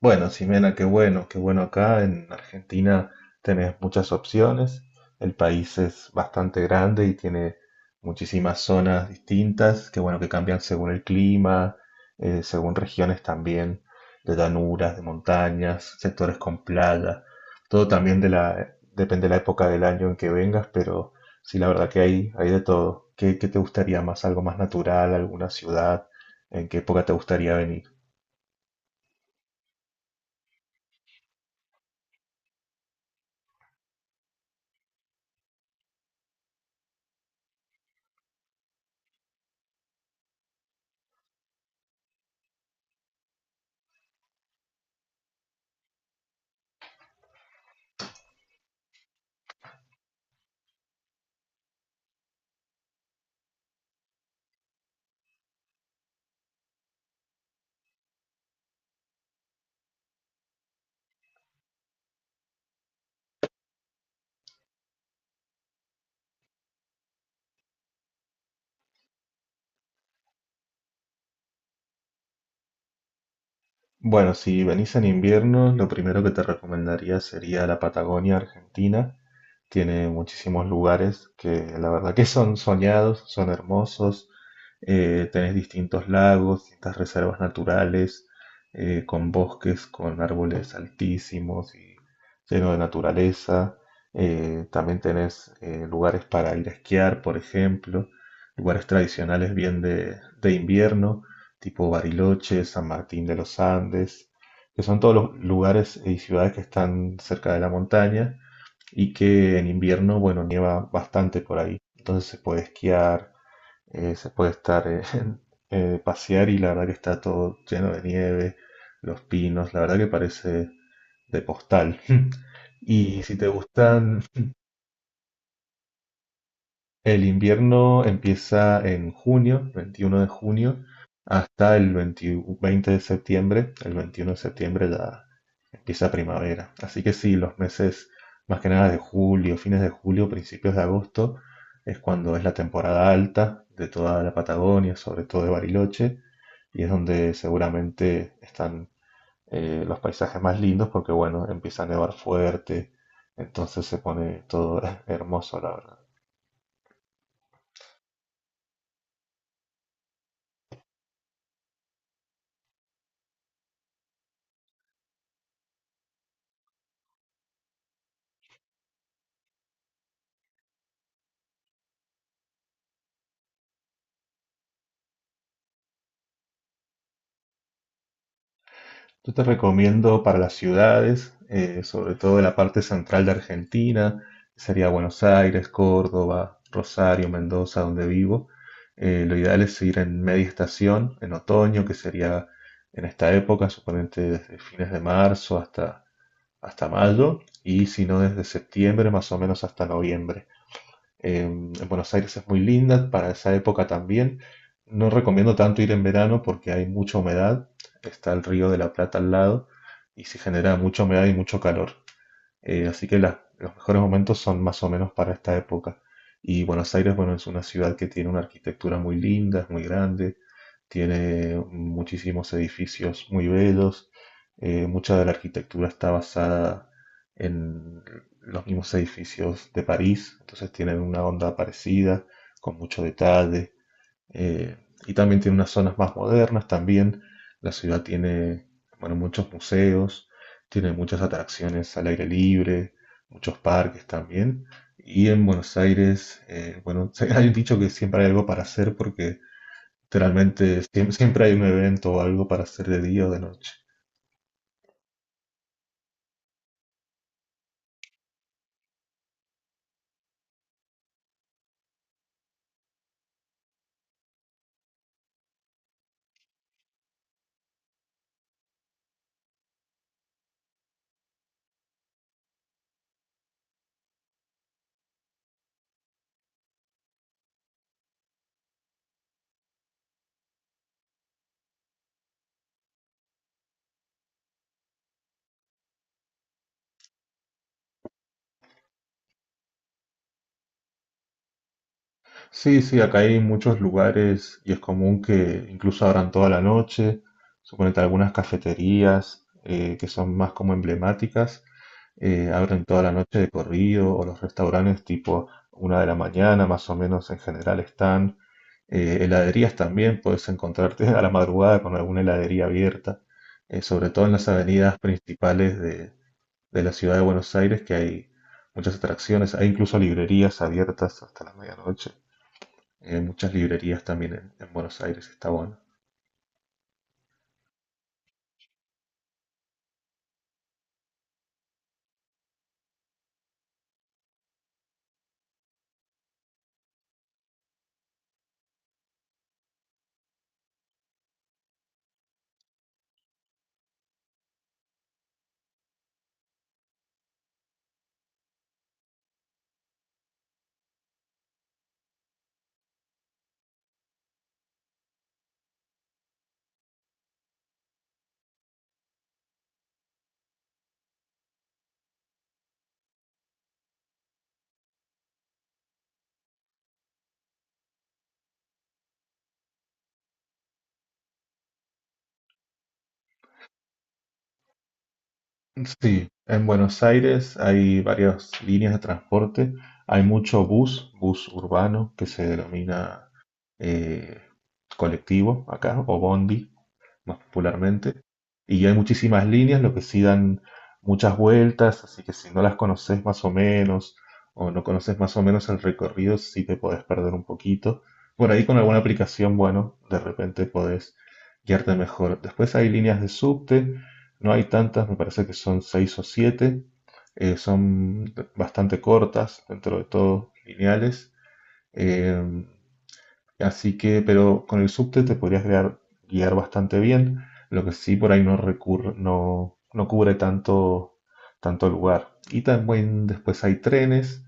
Bueno, Ximena, qué bueno acá en Argentina tenés muchas opciones. El país es bastante grande y tiene muchísimas zonas distintas, qué bueno que cambian según el clima, según regiones también, de llanuras, de montañas, sectores con playa. Todo también de la, depende de la época del año en que vengas, pero sí, la verdad que hay de todo. ¿Qué te gustaría más? ¿Algo más natural? ¿Alguna ciudad? ¿En qué época te gustaría venir? Bueno, si venís en invierno, lo primero que te recomendaría sería la Patagonia Argentina, tiene muchísimos lugares que la verdad que son soñados, son hermosos, tenés distintos lagos, distintas reservas naturales, con bosques, con árboles altísimos y lleno de naturaleza. También tenés lugares para ir a esquiar, por ejemplo, lugares tradicionales bien de invierno, tipo Bariloche, San Martín de los Andes, que son todos los lugares y ciudades que están cerca de la montaña y que en invierno, bueno, nieva bastante por ahí. Entonces se puede esquiar, se puede estar, pasear y la verdad que está todo lleno de nieve, los pinos, la verdad que parece de postal. Y si te gustan, el invierno empieza en junio, 21 de junio, hasta el 20 de septiembre. El 21 de septiembre ya empieza primavera. Así que sí, los meses más que nada de julio, fines de julio, principios de agosto, es cuando es la temporada alta de toda la Patagonia, sobre todo de Bariloche, y es donde seguramente están los paisajes más lindos porque bueno, empieza a nevar fuerte, entonces se pone todo hermoso, la verdad. Yo te recomiendo para las ciudades, sobre todo en la parte central de Argentina, sería Buenos Aires, Córdoba, Rosario, Mendoza, donde vivo. Lo ideal es ir en media estación, en otoño, que sería en esta época, suponete desde fines de marzo hasta mayo, y si no desde septiembre más o menos hasta noviembre. En Buenos Aires es muy linda para esa época también. No recomiendo tanto ir en verano porque hay mucha humedad. Está el Río de la Plata al lado y se genera mucha humedad y mucho calor. Así que los mejores momentos son más o menos para esta época. Y Buenos Aires, bueno, es una ciudad que tiene una arquitectura muy linda, es muy grande, tiene muchísimos edificios muy bellos, mucha de la arquitectura está basada en los mismos edificios de París, entonces tienen una onda parecida, con mucho detalle, eh, y también tiene unas zonas más modernas también, la ciudad tiene, bueno, muchos museos, tiene muchas atracciones al aire libre, muchos parques también, y en Buenos Aires, bueno, hay un dicho que siempre hay algo para hacer porque literalmente siempre hay un evento o algo para hacer de día o de noche. Sí, sí, acá hay muchos lugares y es común que incluso abran toda la noche. Suponete algunas cafeterías que son más como emblemáticas, abren toda la noche de corrido o los restaurantes tipo una de la mañana más o menos en general están. Heladerías también puedes encontrarte a la madrugada con alguna heladería abierta, sobre todo en las avenidas principales de la ciudad de Buenos Aires, que hay muchas atracciones, hay incluso librerías abiertas hasta la medianoche. Hay muchas librerías también en Buenos Aires, está bueno. Sí, en Buenos Aires hay varias líneas de transporte, hay mucho bus, bus urbano, que se denomina eh, colectivo acá, o bondi, más popularmente. Y hay muchísimas líneas, lo que sí dan muchas vueltas, así que si no las conoces más o menos, o no conoces más o menos el recorrido, sí te podés perder un poquito. Por ahí con alguna aplicación, bueno, de repente podés guiarte mejor. Después hay líneas de subte, no hay tantas, me parece que son seis o siete. Son bastante cortas, dentro de todo, lineales. eh, Así que, pero con el subte te podrías guiar, guiar bastante bien, lo que sí por ahí no recurre, no cubre tanto, tanto lugar. Y también después hay trenes,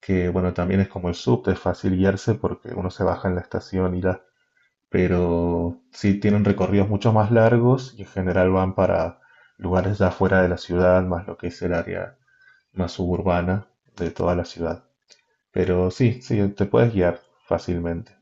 que bueno, también es como el subte, es fácil guiarse porque uno se baja en la estación y ya. Pero sí tienen recorridos mucho más largos y en general van para lugares ya fuera de la ciudad, más lo que es el área más suburbana de toda la ciudad. Pero sí, sí, te puedes guiar fácilmente.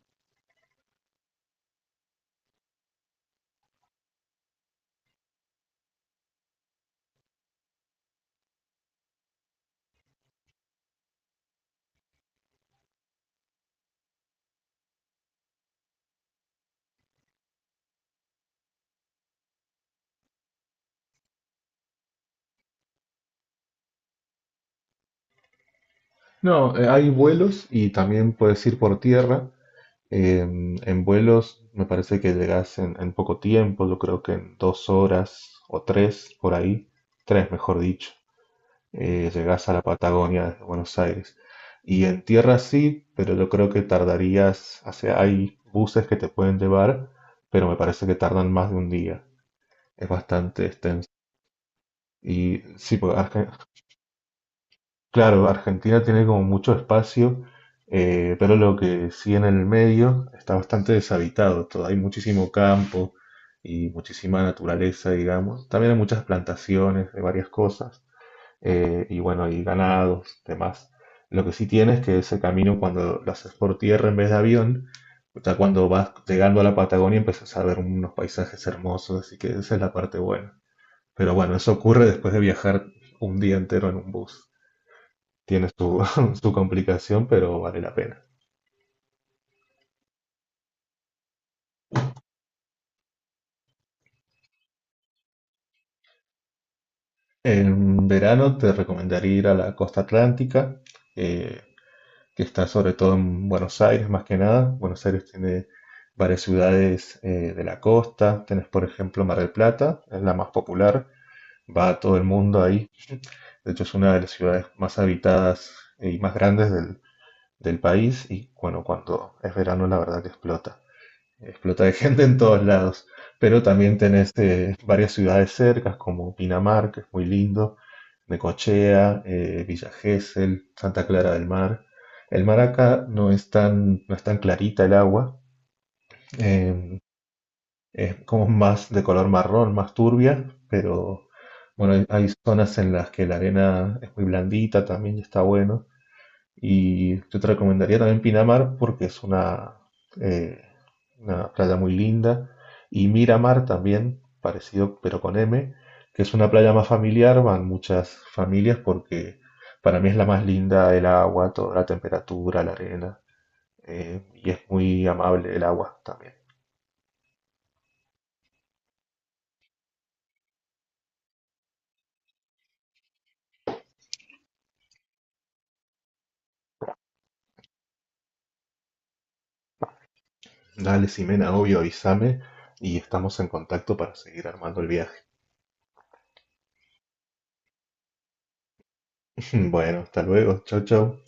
No, hay vuelos y también puedes ir por tierra. En vuelos me parece que llegas en poco tiempo, yo creo que en dos horas o tres por ahí, tres mejor dicho, llegas a la Patagonia desde Buenos Aires. Y en tierra sí, pero yo creo que tardarías, o sea, hay buses que te pueden llevar, pero me parece que tardan más de un día. Es bastante extenso. Y sí, porque claro, Argentina tiene como mucho espacio, pero lo que sí en el medio está bastante deshabitado. Todo, hay muchísimo campo y muchísima naturaleza, digamos. También hay muchas plantaciones de varias cosas y bueno, hay ganados, demás. Lo que sí tiene es que ese camino cuando lo haces por tierra en vez de avión, o sea, cuando vas llegando a la Patagonia empiezas a ver unos paisajes hermosos, así que esa es la parte buena. Pero bueno, eso ocurre después de viajar un día entero en un bus, tiene su, su complicación, pero vale la pena. En verano te recomendaría ir a la costa atlántica, eh, que está sobre todo en Buenos Aires más que nada. Buenos Aires tiene varias ciudades de la costa. Tenés, por ejemplo, Mar del Plata, es la más popular, va a todo el mundo ahí. De hecho, es una de las ciudades más habitadas y más grandes del país y bueno, cuando es verano la verdad que explota. Explota de gente en todos lados, pero también tenés varias ciudades cercas como Pinamar, que es muy lindo, Necochea, Villa Gesell, Santa Clara del Mar. El mar acá no es tan, no es tan clarita el agua, eh, es como más de color marrón, más turbia, pero bueno, hay zonas en las que la arena es muy blandita también y está bueno. Y yo te recomendaría también Pinamar porque es eh, una playa muy linda. Y Miramar también, parecido pero con M, que es una playa más familiar, van muchas familias porque para mí es la más linda el agua, toda la temperatura, la arena. Y es muy amable el agua también. Dale, Simena, obvio, avísame y estamos en contacto para seguir armando el viaje. Bueno, hasta luego. Chau, chau.